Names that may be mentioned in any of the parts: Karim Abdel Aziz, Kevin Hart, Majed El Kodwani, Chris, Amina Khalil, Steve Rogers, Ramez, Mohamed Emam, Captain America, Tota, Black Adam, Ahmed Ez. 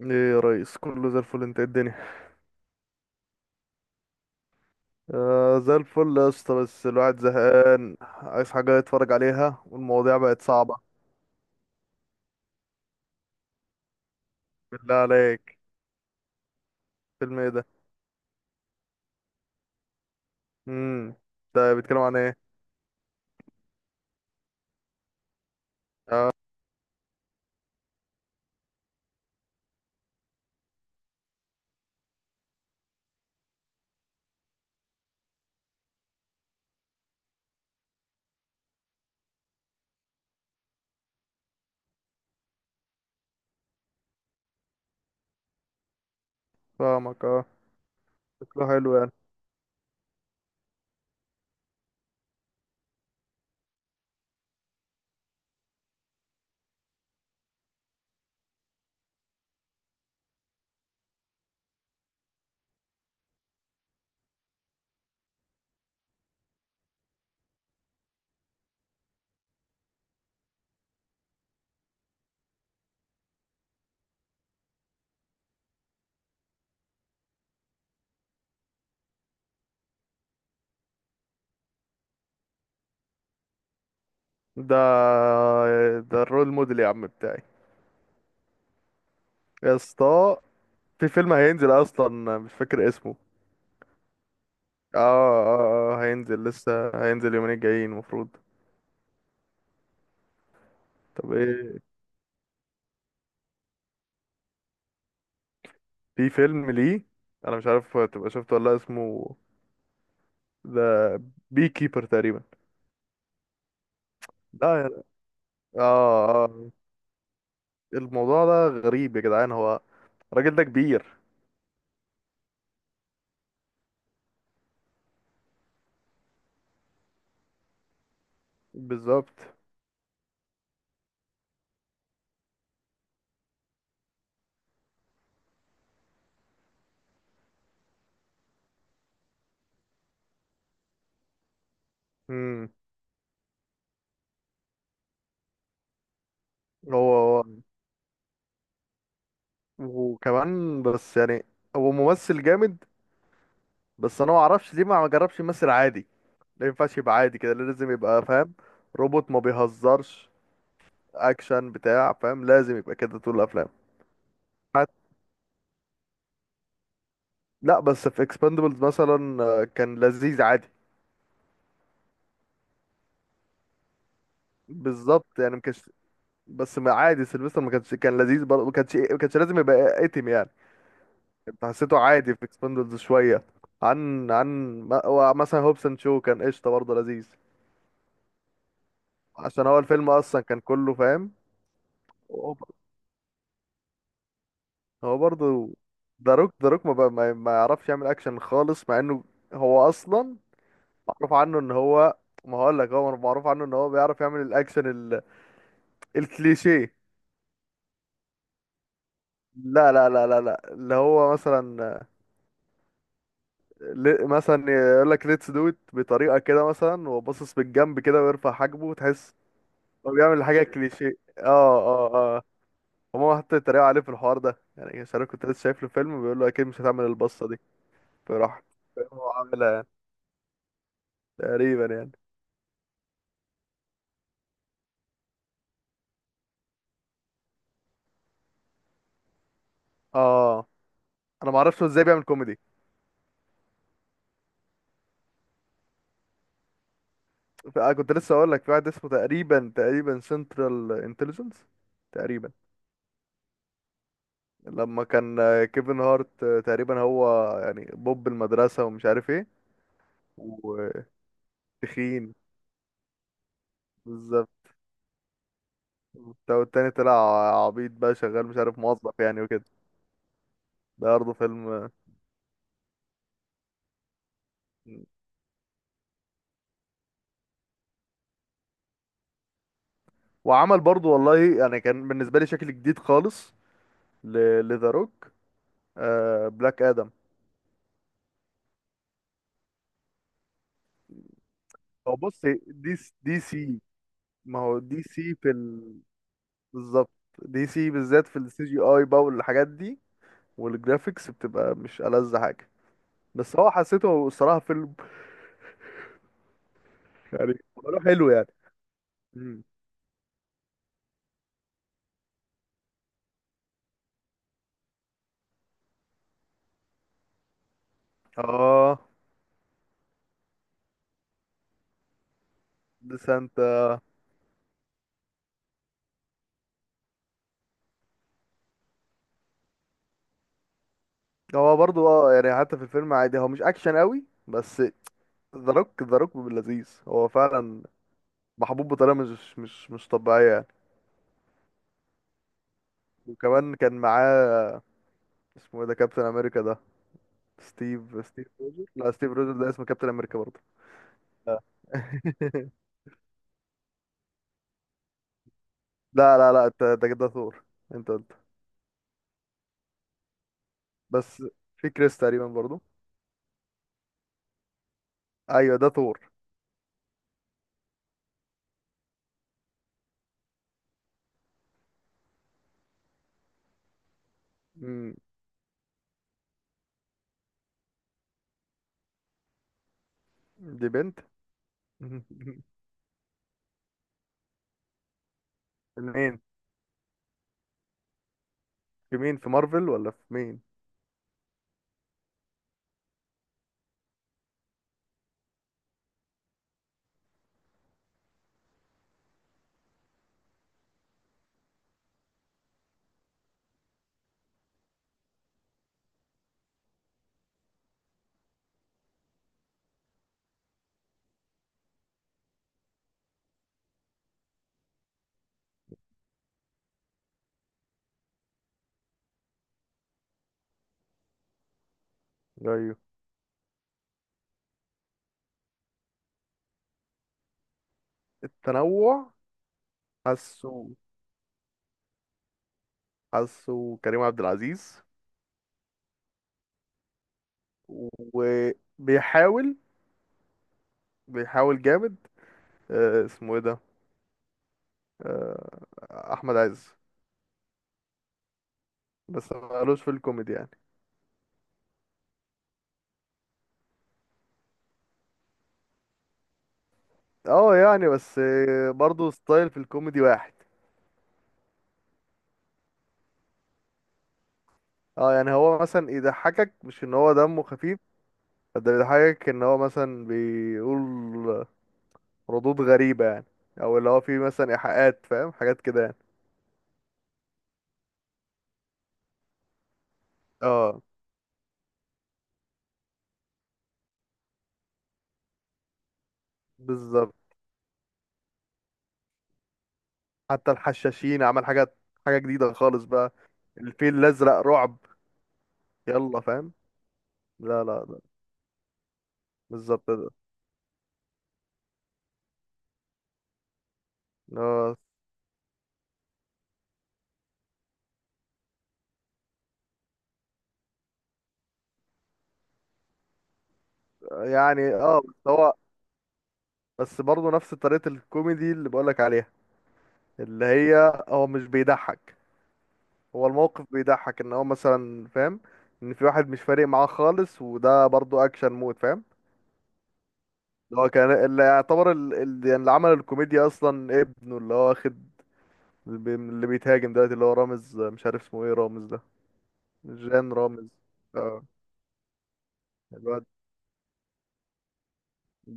ايه، يا ريس كله زي الفل. انت ايه الدنيا؟ آه زي الفل يا اسطى، بس الواحد زهقان عايز حاجة يتفرج عليها والمواضيع بقت صعبة. بالله عليك. فيلم ايه ده؟ امم. ده بيتكلم عن ايه؟ اه، فاهمك اه. شكله حلو يعني. ده ده الرول موديل يا عم بتاعي. يا اسطى، في فيلم هينزل اصلا مش فاكر اسمه. اه اه اه، هينزل لسه. هينزل اليومين الجايين المفروض. طب ايه، في فيلم ليه انا مش عارف تبقى شفته ولا لأ، اسمه ده بي كيبر تقريبا. لا يا- اه اه. الموضوع ده غريب يا جدعان. هو الراجل ده كبير. بالظبط. امم. هو هو وكمان، بس يعني هو ممثل جامد. بس انا ما اعرفش ليه ما جربش يمثل عادي. ما ينفعش يبقى عادي كده، لازم يبقى فاهم. روبوت، ما بيهزرش. اكشن بتاع فاهم، لازم يبقى كده طول الافلام. حت- لا، بس في اكسباندبلز مثلا كان لذيذ عادي. بالظبط، يعني ما كانش. بس ما عادي، سيلفستر ما كانش، كان لذيذ برضه، ما كانش ما كانش لازم يبقى اتم يعني. كنت حسيته عادي في اكسبندبلز شويه. عن عن هو مثلا هوبسون شو كان قشطه برضه، لذيذ. عشان هو الفيلم اصلا كان كله فاهم. هو هو برضه. ذا روك ذا روك ما ما يعرفش يعمل اكشن خالص، مع انه هو اصلا معروف عنه ان هو... ما هقول لك، هو معروف عنه ان هو بيعرف يعمل الاكشن، ال... الكليشيه. لا لا لا لا لا، اللي هو مثلا مثلا يقول لك ليتس دو ات بطريقه كده مثلا، وباصص بالجنب كده ويرفع حاجبه وتحس. هو بيعمل حاجه كليشيه اه. اه اه، هما حتى اتريقوا عليه في الحوار ده يعني. مش عارف، كنت لسه شايف له فيلم بيقول له اكيد مش هتعمل البصه دي فراح هو عاملها يعني. تقريبا يعني. اه، انا ما اعرفش هو ازاي بيعمل كوميدي. أنا كنت لسه اقول لك في واحد اسمه تقريبا تقريبا سنترال انتليجنس. تقريبا لما كان كيفن هارت، تقريبا هو يعني بوب المدرسه ومش عارف ايه. وتخين. بالظبط. والتاني طلع عبيط بقى، شغال مش عارف، موظف يعني وكده. ده برضه فيلم. وعمل برضه والله، يعني كان بالنسبة لي شكل جديد خالص لذا روك. بلاك آدم. هو بص، دي سي. ما هو دي سي. في ال... بالظبط، دي سي بالذات في السي جي اي بقى والحاجات دي. والجرافيكس بتبقى مش ألذ حاجة. بس هو حسيته الصراحة فيلم. يعني عمله حلو يعني. مم. اه، ديسنت. هو برضو اه، يعني حتى في الفيلم عادي هو مش اكشن قوي بس. ذا روك ذا روك لذيذ هو فعلا، محبوب بطريقه مش طبيعيه يعني. وكمان كان معاه، اسمه ايه ده، كابتن امريكا ده، ستيف ستيف روجر. لا، ستيف روجر ده اسمه كابتن امريكا برضه. آه. لا لا لا، انت ده ثور. انت قلت، بس في كريس تقريبا برضه. ايوه، ده ثور. مم. دي بنت. منين؟ في مين، في مارفل ولا في مين؟ ايوه، التنوع. حاسه، حاسه كريم عبد العزيز. وبيحاول، بيحاول جامد. اسمه ايه ده، آه، احمد عز. بس مالوش في الكوميدي يعني. اه يعني، بس برضه ستايل في الكوميدي واحد. اه يعني هو مثلا يضحكك، مش ان هو دمه خفيف. ده بيضحكك ان هو مثلا بيقول ردود غريبة يعني، او اللي هو فيه مثلا ايحاءات، فاهم حاجات كده يعني. اه، بالظبط. حتى الحشاشين عمل حاجات، حاجة جديدة خالص بقى. الفيل الأزرق رعب. يلا فاهم. لا لا لا، بالظبط ده اللي هو، يعني اه بس هو، بس برضه نفس طريقة الكوميدي اللي بقولك عليها. اللي هي هو مش بيضحك، هو الموقف بيضحك. ان هو مثلا فاهم، ان في واحد مش فارق معاه خالص، وده برضه اكشن مود فاهم. اللي هو كان اللي يعتبر يعني اللي عمل الكوميديا اصلا ابنه، اللي هو واخد اللي بيتهاجم دلوقتي اللي هو رامز، مش عارف اسمه ايه رامز ده، جان رامز. اه، الواد.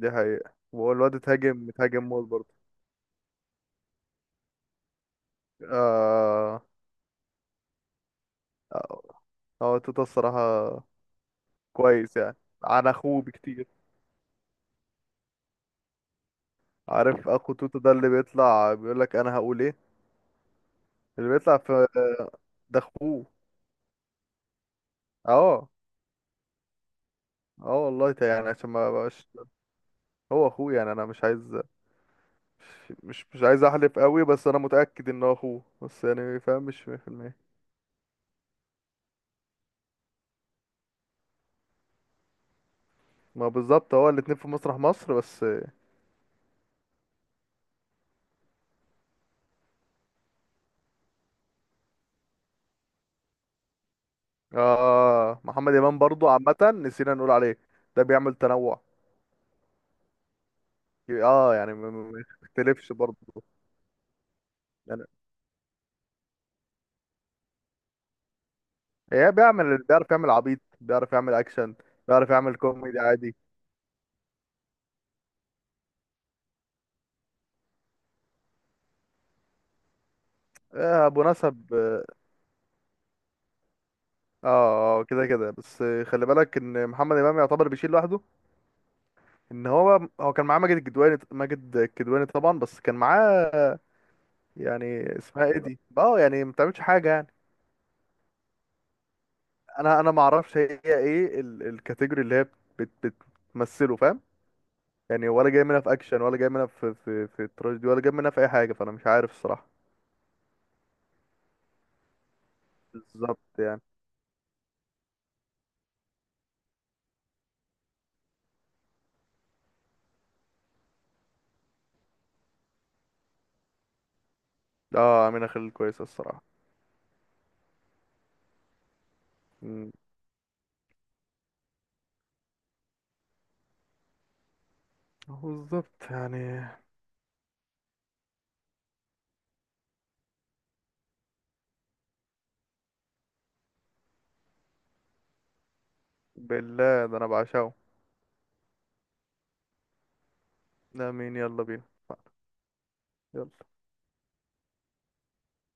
دي حقيقة، والواد اتهاجم اتهاجم موت برضه. اه اه، هو توتا الصراحة كويس يعني، عن اخوه بكتير. عارف اخو توتا ده اللي بيطلع بيقول لك انا هقول ايه، اللي بيطلع في ده اخوه. اه اه والله، يعني عشان ما بقاش هو اخوه. يعني انا مش عايز، مش عايز احلف قوي، بس انا متأكد ان هو اخوه. بس يعني فاهم، مش 100%. ما بالظبط هو الاتنين في مسرح مصر بس. اه، محمد امام برضو عامة نسينا نقول عليه. ده بيعمل تنوع. اه يعني، ما يختلفش برضو. هي بيعرف يعمل عبيط، بيعرف يعمل اكشن، بيعرف يعمل كوميدي عادي. ابو نسب اه. كده كده بس خلي بالك ان محمد امام يعتبر بيشيل لوحده. ان هو هو كان معاه ماجد الكدواني، ماجد الكدواني طبعا، بس كان معاه، يعني اسمها ايه دي، اه يعني ما بتعملش حاجه يعني. انا ما اعرفش هي ايه الكاتيجوري اللي هي بت- بتمثله فاهم. يعني ولا جاي منها في اكشن، ولا جاي منها في في تراجيدي، ولا جاي منها في اي حاجه، فانا مش عارف الصراحه. بالظبط يعني. اه، امينه خليل كويسه الصراحه. مم. هو بالظبط يعني. بالله، ده انا بعشقه. لا مين، يلا بينا. يلا.